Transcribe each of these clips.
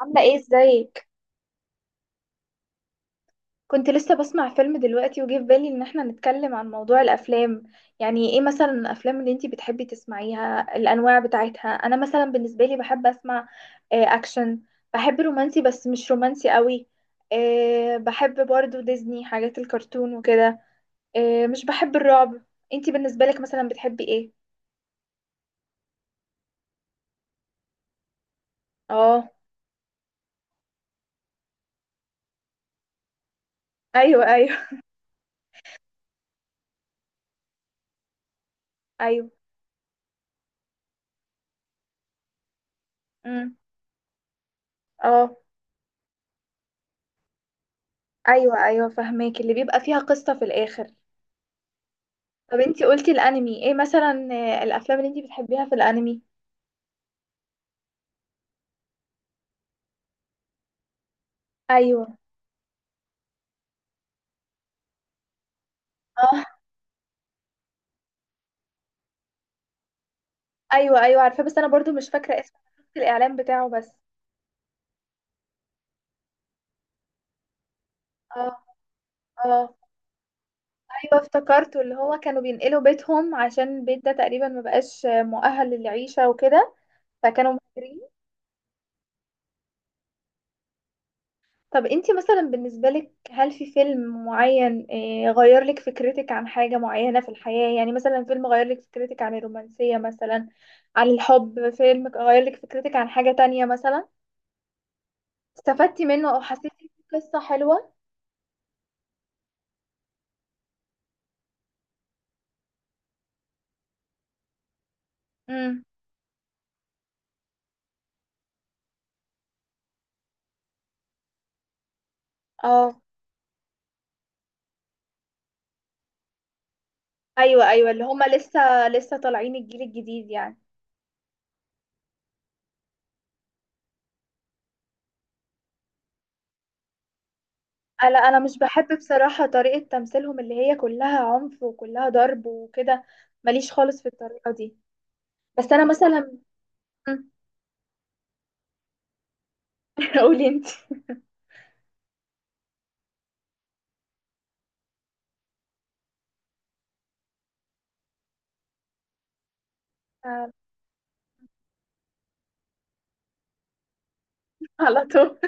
عاملة ايه ازيك؟ كنت لسه بسمع فيلم دلوقتي وجه في بالي ان احنا نتكلم عن موضوع الافلام. يعني ايه مثلا الافلام اللي انتي بتحبي تسمعيها الانواع بتاعتها؟ انا مثلا بالنسبة لي بحب اسمع اكشن. بحب رومانسي بس مش رومانسي قوي. بحب برضو ديزني حاجات الكرتون وكده. مش بحب الرعب. انتي بالنسبة لك مثلا بتحبي ايه؟ اه. ايوه، ايوه. ايوه. امم. اه. ايوه، ايوه فهماك، اللي بيبقى فيها قصة في الاخر. طب انتي قلتي الانمي ايه مثلا، الافلام اللي انتي بتحبيها في الانمي؟ ايوه. اه. ايوه، ايوه عارفاه، بس انا برضو مش فاكره اسمه، شفت الاعلان بتاعه بس. اه. اه ايوه افتكرته، اللي هو كانوا بينقلوا بيتهم عشان البيت ده تقريبا ما بقاش مؤهل للعيشه وكده، فكانوا مهاجرين. طب انتي مثلا بالنسبه لك، هل في فيلم معين غير لك فكرتك عن حاجه معينه في الحياه؟ يعني مثلا فيلم غير لك فكرتك عن الرومانسيه مثلا، عن الحب، فيلم غير لك فكرتك عن حاجه تانية مثلا، استفدتي منه او حسيتي إن قصة حلوة؟ امم. اه، ايوه ايوه اللي هما لسه لسه طالعين، الجيل الجديد يعني. انا مش بحب بصراحة طريقة تمثيلهم، اللي هي كلها عنف وكلها ضرب وكده، ماليش خالص في الطريقة دي. بس انا مثلا. مم. قولي انت. آه، على طول.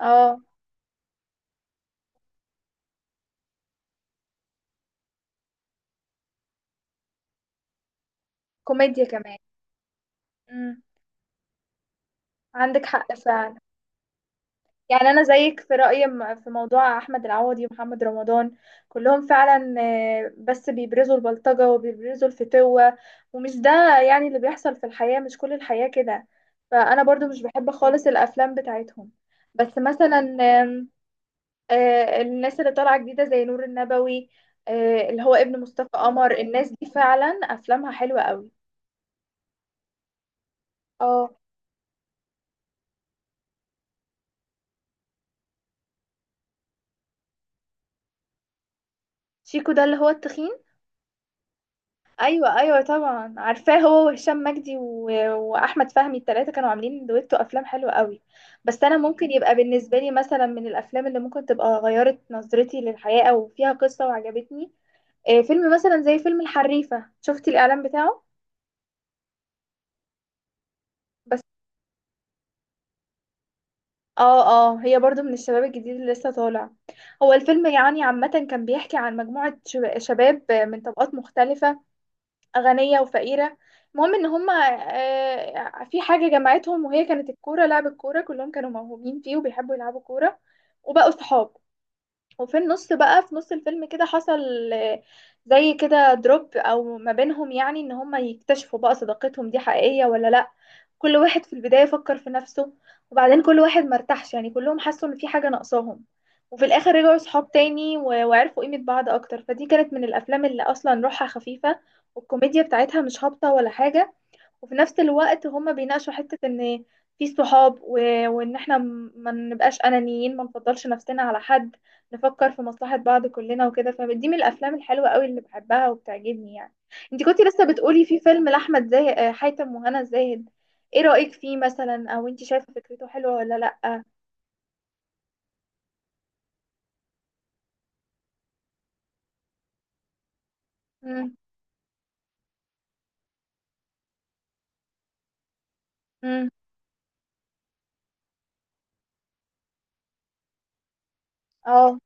اه. كوميديا كمان. امم. عندك حق فعلا. يعني انا زيك في رايي، في موضوع احمد العوضي ومحمد رمضان، كلهم فعلا بس بيبرزوا البلطجه وبيبرزوا الفتوه، ومش ده يعني اللي بيحصل في الحياه، مش كل الحياه كده، فانا برضو مش بحب خالص الافلام بتاعتهم. بس مثلا آم، الناس اللي طالعه جديده زي نور النبوي، اللي هو ابن مصطفى قمر، الناس دي فعلا افلامها حلوه قوي. اه. شيكو ده اللي هو التخين؟ ايوه، ايوه طبعا عارفاه، هو وهشام مجدي واحمد فهمي، التلاتة كانوا عاملين دويتو افلام حلوه قوي. بس انا ممكن يبقى بالنسبه لي، مثلا من الافلام اللي ممكن تبقى غيرت نظرتي للحياه او فيها قصه وعجبتني، فيلم مثلا زي فيلم الحريفه، شفتي الاعلان بتاعه؟ بس. اه. اه، هي برضو من الشباب الجديد اللي لسه طالع. هو الفيلم يعني عامه كان بيحكي عن مجموعه شباب من طبقات مختلفه، غنية وفقيرة، المهم ان هما في حاجة جمعتهم، وهي كانت الكورة، لعب الكورة، كلهم كانوا موهوبين فيه وبيحبوا يلعبوا كورة، وبقوا صحاب. وفي النص بقى، في نص الفيلم كده، حصل زي كده دروب او ما بينهم، يعني ان هما يكتشفوا بقى صداقتهم دي حقيقية ولا لا. كل واحد في البداية فكر في نفسه، وبعدين كل واحد مرتاحش، يعني كلهم حسوا ان في حاجة ناقصاهم. وفي الاخر رجعوا صحاب تاني، وعرفوا قيمة بعض اكتر، فدي كانت من الافلام اللي اصلا روحها خفيفة، والكوميديا بتاعتها مش هابطة ولا حاجة. وفي نفس الوقت هما بيناقشوا حتة ان في صحاب، وان احنا ما نبقاش انانيين، ما نفضلش نفسنا على حد، نفكر في مصلحة بعض كلنا وكده، فدي من الافلام الحلوة قوي اللي بحبها وبتعجبني يعني. انت كنتي لسه بتقولي في فيلم لاحمد زاهد حاتم وهنا زاهد، ايه رأيك فيه مثلا؟ او انت شايفة فكرته حلوة ولا لا؟ امم. امم. اه.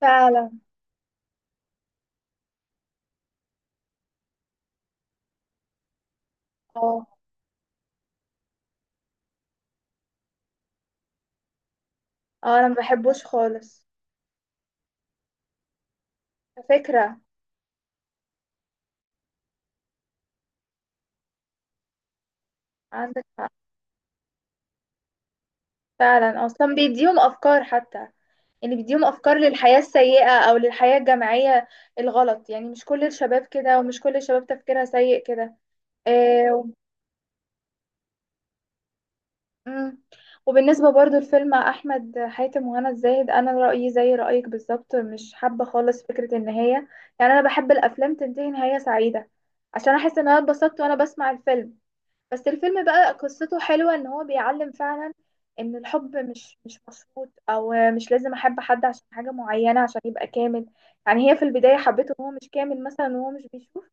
فعلا. اه. اه انا ما بحبوش خالص فكرة. عندك. فعلا اصلا بيديهم افكار حتى، يعني بيديهم افكار للحياة السيئة او للحياة الجامعية الغلط، يعني مش كل الشباب كده، ومش كل الشباب تفكيرها سيء كده. آه و- مم. وبالنسبة برضو لفيلم احمد حاتم وهنا الزاهد، انا رأيي زي رأيك بالظبط، مش حابة خالص فكرة النهاية، يعني انا بحب الافلام تنتهي نهاية سعيدة عشان احس ان انا اتبسطت وانا بسمع الفيلم. بس الفيلم بقى قصته حلوة، ان هو بيعلم فعلا ان الحب مش مشروط، او مش لازم احب حد عشان حاجة معينة عشان يبقى كامل. يعني هي في البداية حبته وهو مش كامل مثلا، وهو مش بيشوف،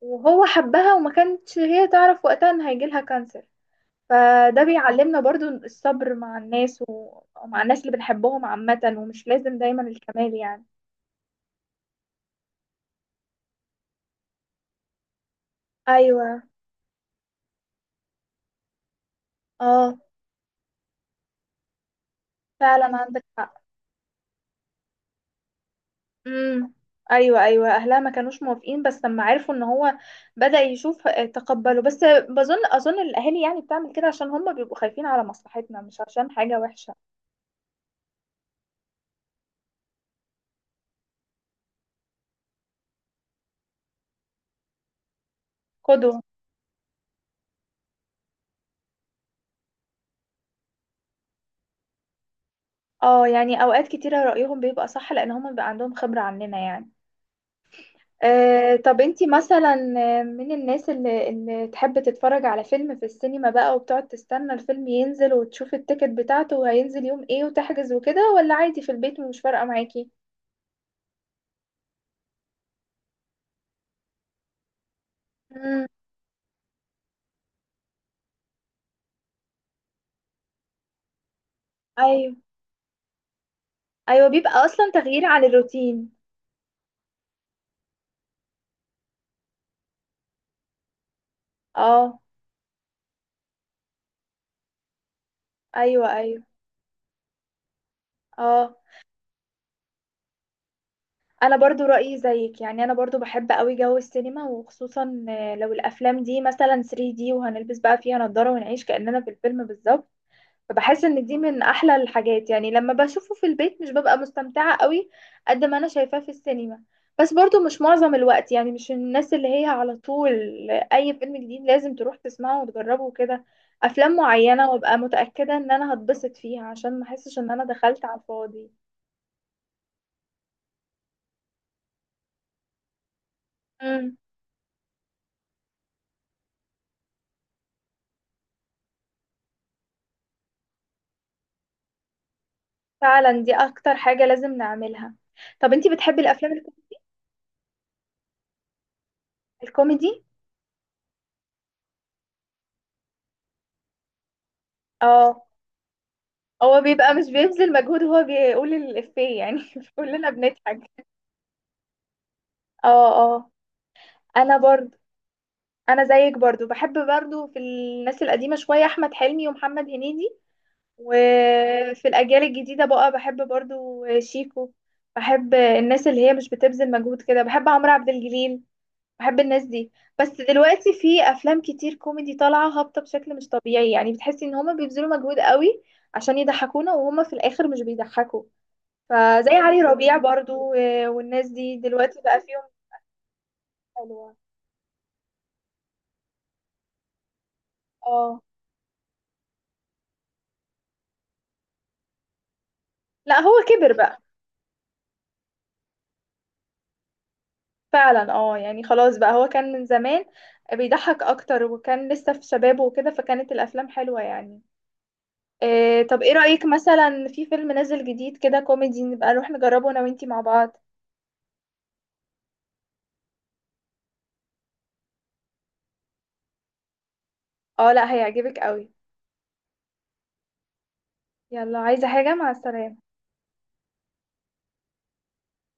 وهو حبها وما كانتش هي تعرف وقتها ان هيجيلها كانسر. فده بيعلمنا برضو الصبر مع الناس، ومع الناس اللي بنحبهم عامة، ومش لازم دايما الكمال يعني. ايوه. اه فعلا عندك حق. امم. ايوه، ايوه اهلها ما كانوش موافقين، بس لما عرفوا ان هو بدأ يشوف تقبلوا، بس بظن اظن الاهالي يعني بتعمل كده عشان هم بيبقوا خايفين على مصلحتنا، مش عشان حاجة وحشة. قدوة. اه يعني اوقات كتيرة رأيهم بيبقى صح، لان هم بيبقى عندهم خبرة عننا يعني. آه طب انتي مثلا من الناس اللي تحب تتفرج على فيلم في السينما بقى، وبتقعد تستنى الفيلم ينزل وتشوف التيكت بتاعته وهينزل يوم ايه وتحجز وكده؟ ولا عادي في البيت ومش فارقة معاكي؟ امم. ايوه، ايوه بيبقى اصلا تغيير عن الروتين. اه. ايوه، ايوه. اه انا برضو رايي زيك، يعني انا برضو بحب قوي جو السينما، وخصوصا لو الافلام دي مثلا 3D وهنلبس بقى فيها نضاره ونعيش كاننا في الفيلم بالظبط. فبحس ان دي من احلى الحاجات، يعني لما بشوفه في البيت مش ببقى مستمتعة قوي قد ما انا شايفاه في السينما. بس برضو مش معظم الوقت، يعني مش الناس اللي هي على طول اي فيلم جديد لازم تروح تسمعه وتجربه وكده، افلام معينة وابقى متأكدة ان انا هتبسط فيها عشان ما احسش ان انا دخلت على الفاضي. امم. فعلا دي اكتر حاجة لازم نعملها. طب انتي بتحبي الافلام الكوميدي؟ اه هو بيبقى مش بيبذل مجهود وهو بيقول الإفيه يعني، كلنا بنضحك. اه. اه. انا برضو، انا زيك برضو بحب برضو في الناس القديمه شويه، احمد حلمي ومحمد هنيدي، وفي الاجيال الجديده بقى بحب برضو شيكو. بحب الناس اللي هي مش بتبذل مجهود كده، بحب عمرو عبد الجليل، بحب الناس دي. بس دلوقتي في افلام كتير كوميدي طالعه هابطه بشكل مش طبيعي، يعني بتحسي ان هما بيبذلوا مجهود قوي عشان يضحكونا وهما في الاخر مش بيضحكوا، فزي علي ربيع برضو والناس دي دلوقتي بقى فيهم. حلوه. اه لا، هو كبر بقى. فعلا، اه يعني خلاص بقى، هو كان من زمان بيضحك اكتر وكان لسه في شبابه وكده، فكانت الافلام حلوة يعني. إيه، طب ايه رأيك مثلا في فيلم نازل جديد كده كوميدي، نبقى نروح نجربه انا وانتي مع بعض؟ اه لا، هيعجبك قوي. يلا، عايزة حاجة؟ مع السلامة.